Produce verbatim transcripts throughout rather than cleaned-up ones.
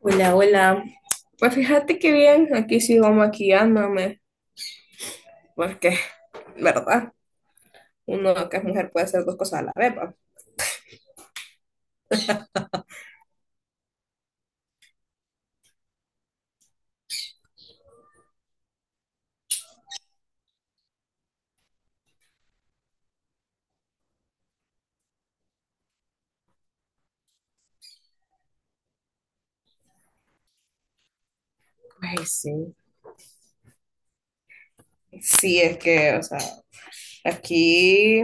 Hola, hola. Pues fíjate que bien, aquí sigo maquillándome, porque, ¿verdad? Uno que es mujer puede hacer dos cosas a la vez, ¿va? Ay, sí. Sí, es que, o sea, aquí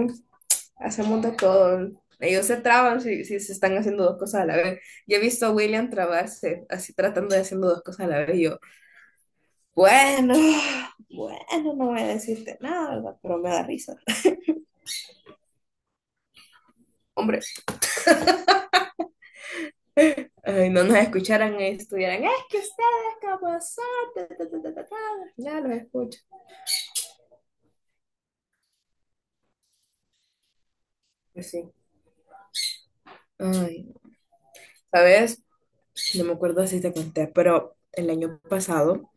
hacemos de todo. Ellos se traban si, si se están haciendo dos cosas a la vez. Yo he visto a William trabarse, así tratando de haciendo dos cosas a la vez. Y yo, bueno, bueno, no voy a decirte nada, ¿verdad? Pero me da risa. Hombre, ay, no nos escucharan y estuvieran, es que ustedes como son, ta, ta, ta, ta, ta, ta. Ya los escucho. Pues sí. Ay, ¿sabes? No me acuerdo si te conté, pero el año pasado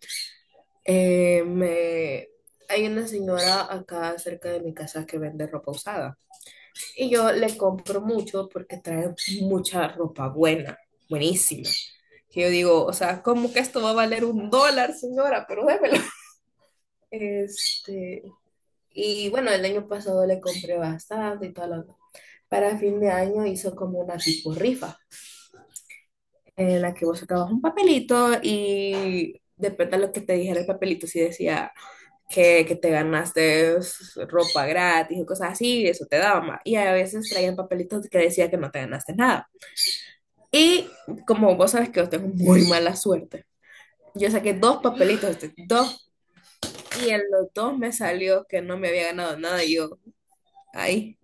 eh, me... hay una señora acá cerca de mi casa que vende ropa usada y yo le compro mucho porque trae mucha ropa buena, buenísima. Que yo digo, o sea, ¿cómo que esto va a valer un dólar, señora? Pero démelo. Este, Y bueno, el año pasado le compré bastante y todo lo para fin de año hizo como una tipo rifa, en la que vos sacabas un papelito y depende de lo que te dijera el papelito, si decía que, que te ganaste ropa gratis o cosas así, eso te daba más. Y a veces traían papelitos que decía que no te ganaste nada. Y como vos sabes que yo tengo muy mala suerte, yo saqué dos papelitos, dos, y en los dos me salió que no me había ganado nada. Y yo, ahí.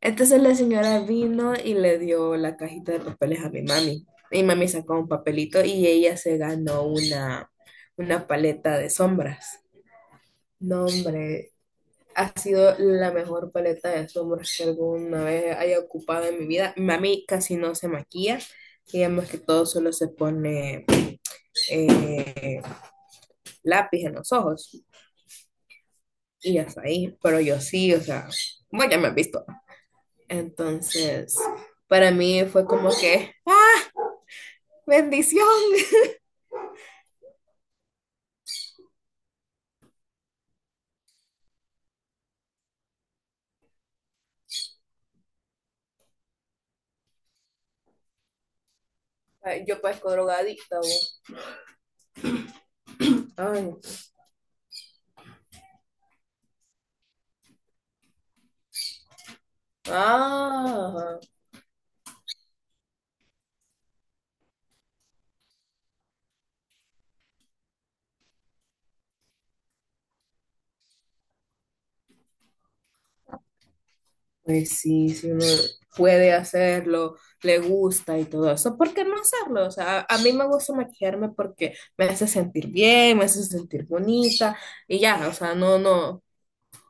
Entonces la señora vino y le dio la cajita de papeles a mi mami. Mi mami sacó un papelito y ella se ganó una, una paleta de sombras. No, hombre, ha sido la mejor paleta de sombras que alguna vez haya ocupado en mi vida. Mi mami casi no se maquilla, ella más que todo solo se pone eh, lápiz en los ojos y hasta ahí. Pero yo sí, o sea, bueno, ya me has visto. Entonces, para mí fue como que bendición. Ay, yo parezco drogadicta, vos. Ay. Ah, pues sí, si uno puede hacerlo, le gusta y todo eso, ¿por qué no hacerlo? O sea, a, a mí me gusta maquillarme porque me hace sentir bien, me hace sentir bonita y ya, o sea, no, no,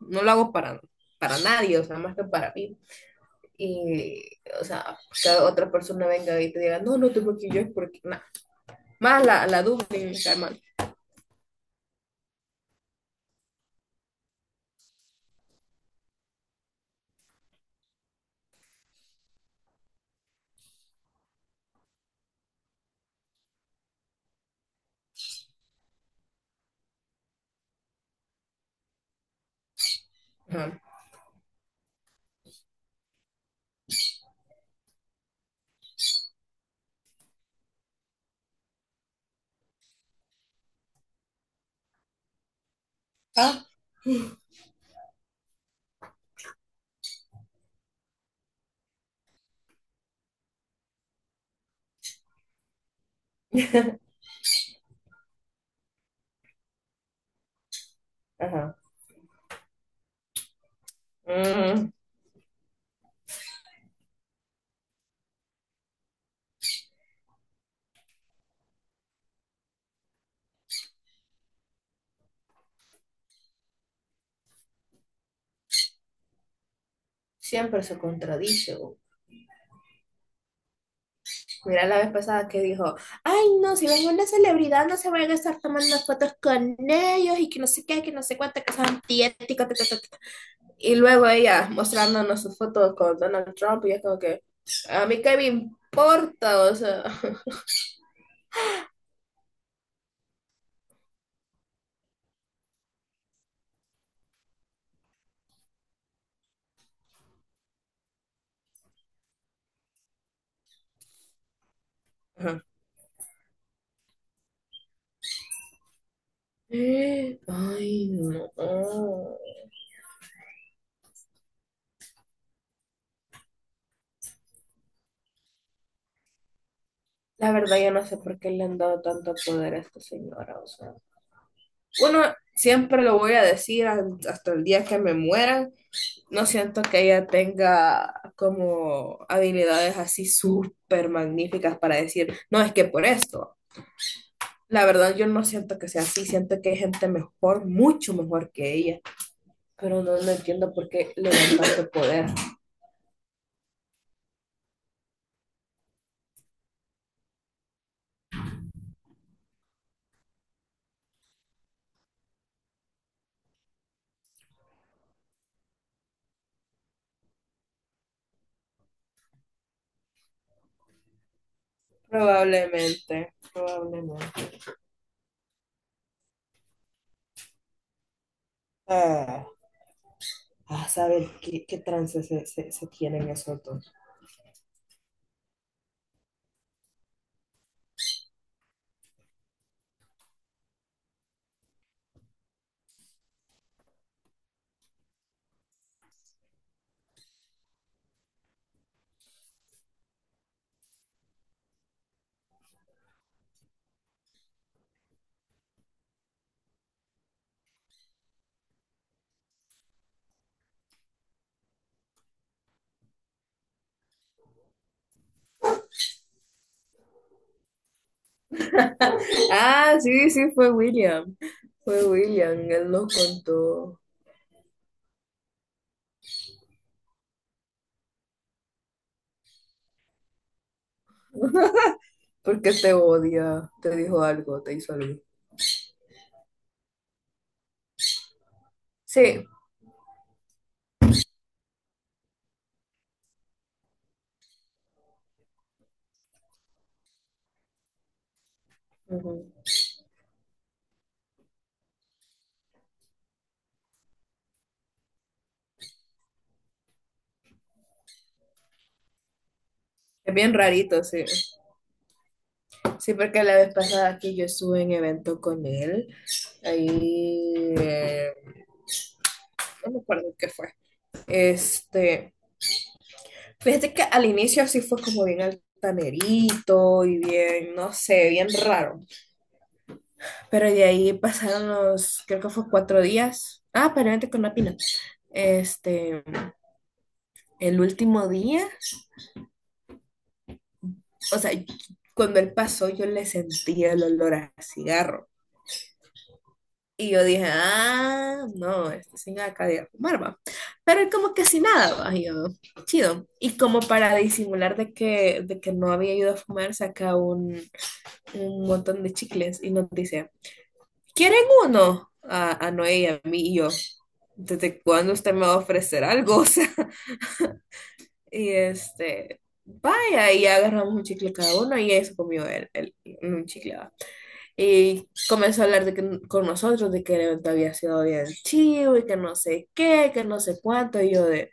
no lo hago para, para nadie, o sea, más que para mí. Y, o sea, que otra persona venga y te diga, no, no te maquilles porque, nada, más la, la duda y me cae mal. Ajá. Ah, ajá. Mm. Siempre se contradice. Mira la vez pasada que dijo, ay no, si ven una celebridad no se van a estar tomando fotos con ellos y que no sé qué, que no sé cuánta cosa antiética, ta. Y luego ella mostrándonos sus fotos con Donald Trump y es como que, a mí qué me importa, o sea. Ajá. Ay, no. Oh. La verdad, yo no sé por qué le han dado tanto poder a esta señora, o sea. Bueno, siempre lo voy a decir hasta el día que me muera. No siento que ella tenga como habilidades así súper magníficas para decir, no, es que por esto. La verdad, yo no siento que sea así, siento que hay gente mejor, mucho mejor que ella, pero no, no entiendo por qué le dan tanto poder. Probablemente, probablemente. Ah, a saber qué, qué, trance se, se, se tienen esos dos. Ah, sí, sí, fue William. Fue William, él lo contó. ¿Por qué te odia? ¿Te dijo algo? ¿Te hizo algo? Sí, ujú. Es bien rarito, sí. Sí, porque la vez pasada que yo estuve en evento con él, ahí, eh, no me acuerdo qué fue. Este, fíjate que al inicio sí fue como bien altanerito y bien, no sé, bien raro. Pero de ahí pasaron los, creo que fue cuatro días. Ah, pero con la pina. Este, el último día, o sea, cuando él pasó yo le sentía el olor a cigarro. Y yo dije, ah, no, este sin acá de fumar, va. Pero él como que sin nada, va. Y yo, chido. Y como para disimular de que, de que no había ido a fumar, saca un, un montón de chicles y nos dice, ¿quieren uno? A, a Noé y a mí y yo, ¿desde cuándo usted me va a ofrecer algo? O sea, y este, vaya, y agarramos un chicle cada uno y eso comió él, él un chicle. Y comenzó a hablar de que- con nosotros de que el evento había sido bien chivo y que no sé qué, que no sé cuánto. Y yo de,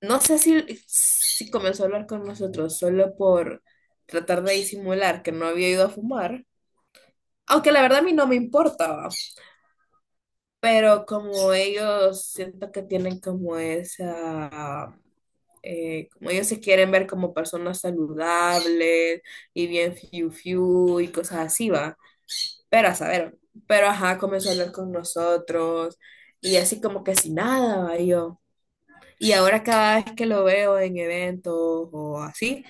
no sé si, si comenzó a hablar con nosotros solo por tratar de disimular que no había ido a fumar. Aunque la verdad a mí no me importaba, pero como ellos siento que tienen como esa, eh, como ellos se quieren ver como personas saludables y bien fiu fiu y cosas así, ¿va? Pero a saber, pero ajá, comenzó a hablar con nosotros y así como que sin nada, va, y yo. Y ahora cada vez que lo veo en eventos o así,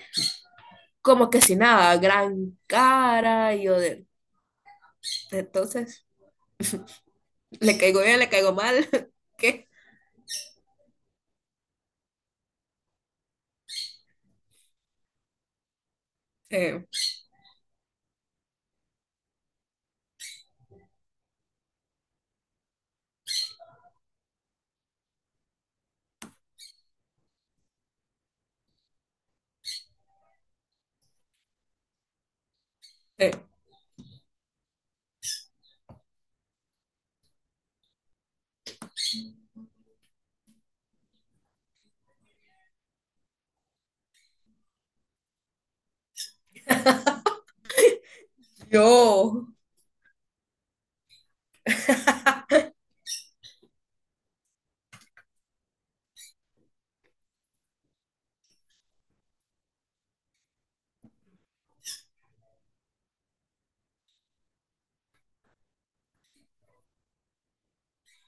como que sin nada, gran cara, y yo de, entonces, le caigo bien, le caigo mal, ¿qué? Eh, eh, yo,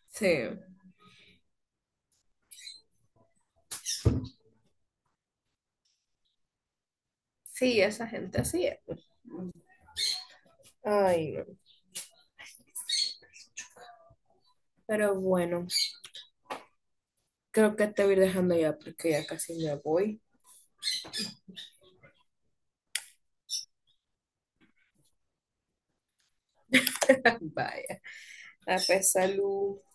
sí, sí, esa gente así es. Ay, no. Pero bueno, creo que te voy dejando ya porque ya casi me voy. Vaya, a pesar, salud.